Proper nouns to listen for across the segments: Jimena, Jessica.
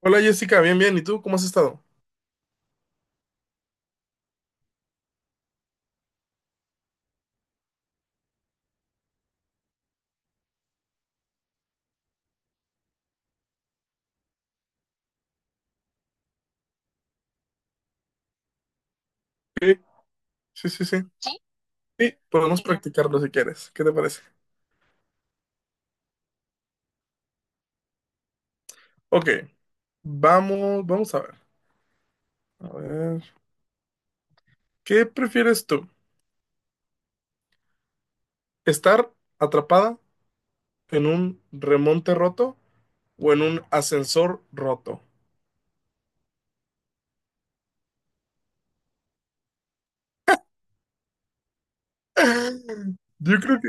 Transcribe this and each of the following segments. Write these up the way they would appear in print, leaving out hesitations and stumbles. Hola Jessica, bien, bien. ¿Y tú cómo has estado? Sí, sí. Sí, podemos practicarlo si quieres. ¿Qué te parece? Ok, vamos a ver. A ver, ¿qué prefieres tú? ¿Estar atrapada en un remonte roto o en un ascensor roto? Yo creo que,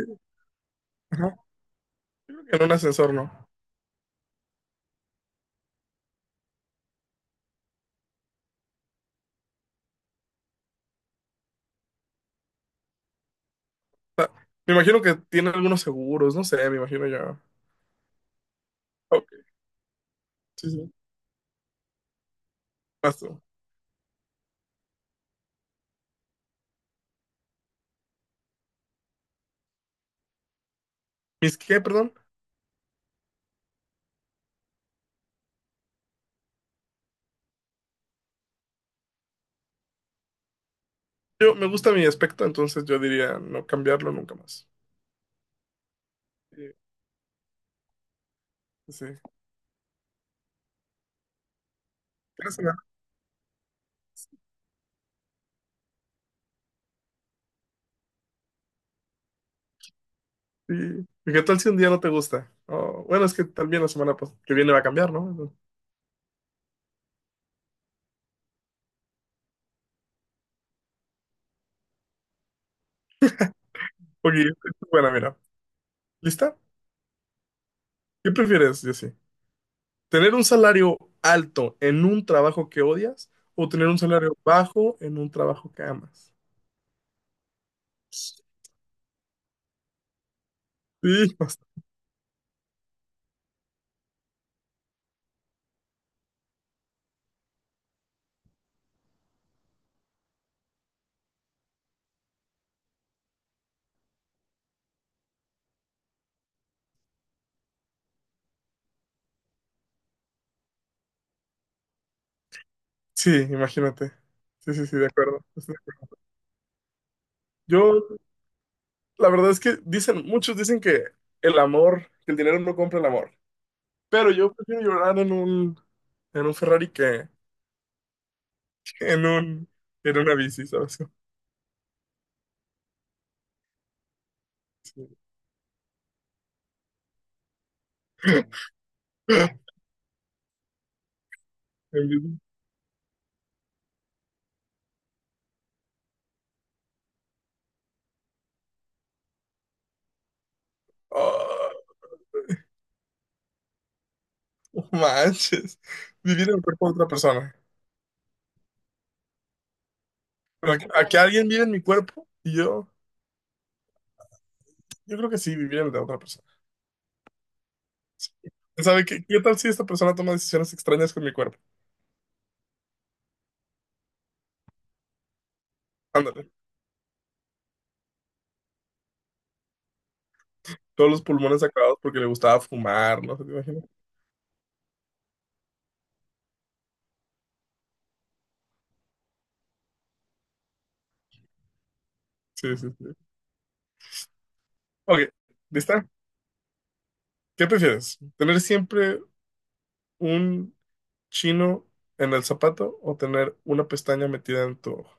ajá, yo creo que en un ascensor no. O sea, me imagino que tiene algunos seguros, no sé, me imagino yo. Ok, sí, sí. Vas tú. ¿Mis qué, perdón? Yo me gusta mi aspecto, entonces yo diría no cambiarlo nunca más. Sí, sí. Cada semana. Sí. ¿Y qué tal si un día no te gusta? O, bueno, es que también la semana pues, que viene va a cambiar, ¿no? Ok, bueno, mira. ¿Lista? ¿Qué prefieres, Jessy? ¿Tener un salario alto en un trabajo que odias o tener un salario bajo en un trabajo que amas? Sí, bast- sí, imagínate. Sí, sí, sí, de acuerdo. Estoy de acuerdo. Yo, la verdad es que muchos dicen que que el dinero no compra el amor. Pero yo prefiero llorar en en un Ferrari que en en una bici, ¿sabes? Sí. En bici. Oh, no manches. Vivir en el cuerpo de otra persona. Pero que a que alguien vive en mi cuerpo, yo creo que sí, vivir en el de otra persona. ¿Sabe qué, qué tal si esta persona toma decisiones extrañas con mi cuerpo? Ándale. Todos los pulmones acabados porque le gustaba fumar, ¿no? ¿Te imaginas? Sí, sí, sí. Ok, ¿lista? ¿Qué prefieres? ¿Tener siempre un chino en el zapato o tener una pestaña metida en tu ojo?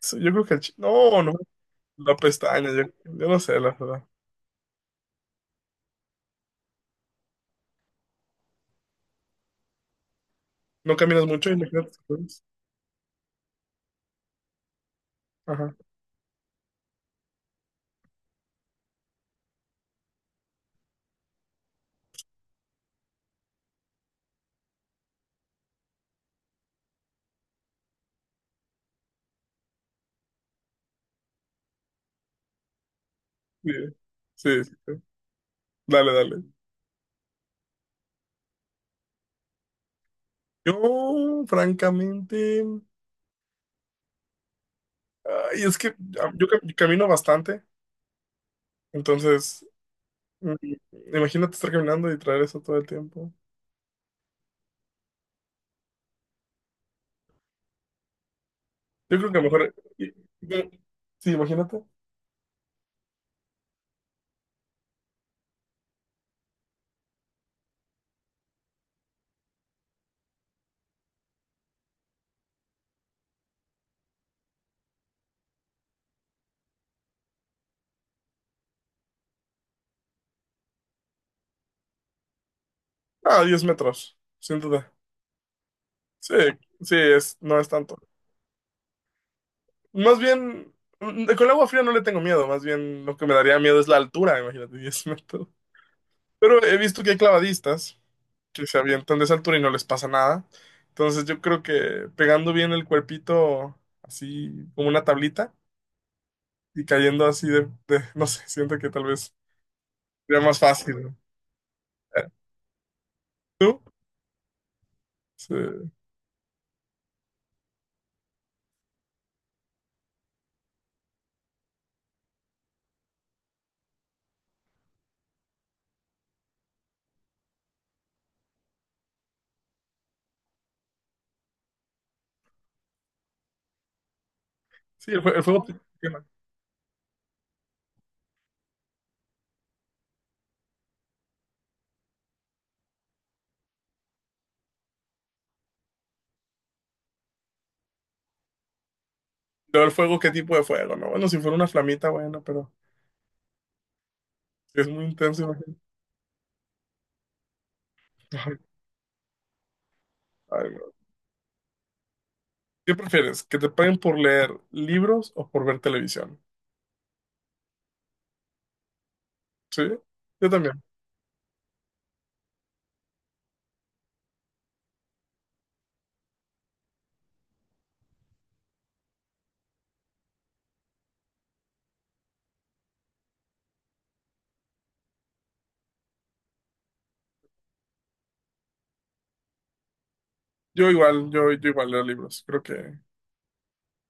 Eso, yo creo que el chino. No, no. La pestaña, yo no sé, la verdad. No caminas mucho y me quedas. Pues, ajá. Sí, sí, sí, sí. Dale, dale. Yo, francamente, ay, es que ah, yo camino bastante, entonces, mm, imagínate estar caminando y traer eso todo el tiempo. Yo creo que a lo mejor. Y- Sí, imagínate. Ah, 10 metros, sin duda. Sí, no es tanto. Más bien, mm, con el agua fría no le tengo miedo, más bien lo que me daría miedo es la altura, imagínate, 10 metros. Pero he visto que hay clavadistas que se avientan de esa altura y no les pasa nada. Entonces yo creo que pegando bien el cuerpito así como una tablita y cayendo así no sé, siento que tal vez sería más fácil, ¿no? Eh, ¿tú? Sí, sí, el fuego te quema. Pero el fuego, ¿qué tipo de fuego? No, bueno, si fuera una flamita, bueno, pero si es muy intenso, imagínate. Ay, no. ¿Qué prefieres? ¿Que te paguen por leer libros o por ver televisión? Sí, yo también. Yo igual, yo igual leo libros. Creo que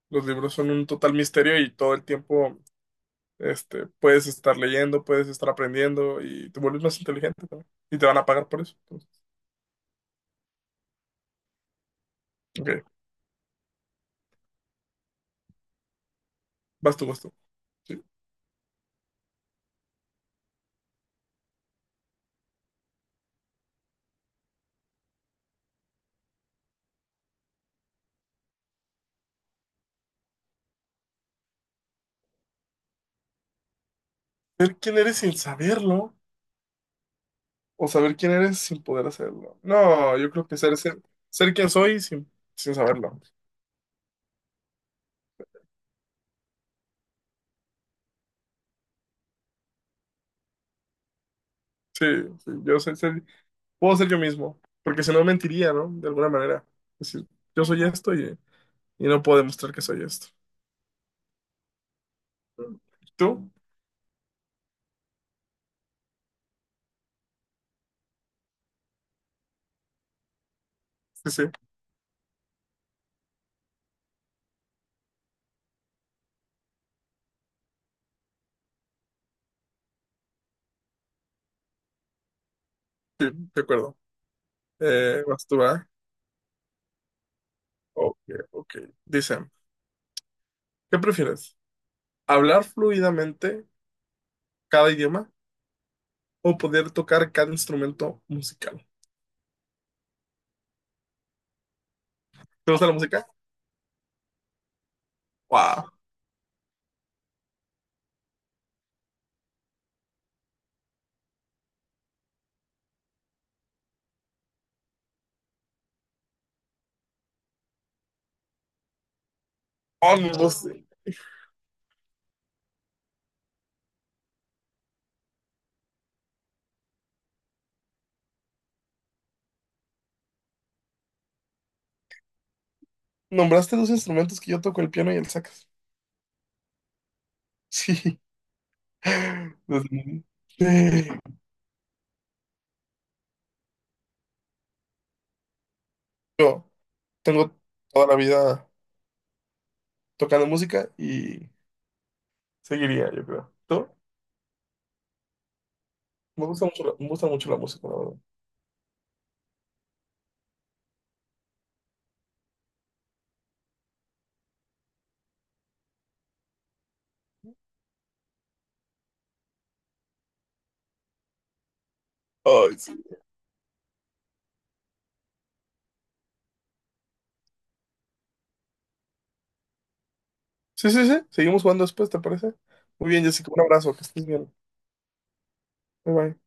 los libros son un total misterio y todo el tiempo, este, puedes estar leyendo, puedes estar aprendiendo y te vuelves más inteligente también. Y te van a pagar por eso. Entonces, ok, vas tú, vas tú. Sí. ¿Ser quién eres sin saberlo o saber quién eres sin poder hacerlo? No, yo creo que ser quien soy sin saberlo. Sí, sí, yo sé, puedo ser yo mismo, porque si no mentiría, ¿no? De alguna manera. Es decir, yo soy esto, y no puedo demostrar que soy esto. ¿Tú? Sí, sí, sí, de acuerdo. Vas tú, ¿ah? Ok, ok. Dice, ¿qué prefieres? ¿Hablar fluidamente cada idioma o poder tocar cada instrumento musical? ¿Te gusta la música? ¡Wow! Oh, no sé. Nombraste dos instrumentos que yo toco, el piano y el sax. Sí. Desde niño. Yo tengo toda la vida tocando música y seguiría, yo creo. ¿Tú? Me gusta mucho la música, la verdad. Ay, sí. Sí, sí, sí. Seguimos jugando después, ¿te parece? Muy bien, Jessica. Un abrazo. Que estés bien. Bye, bye.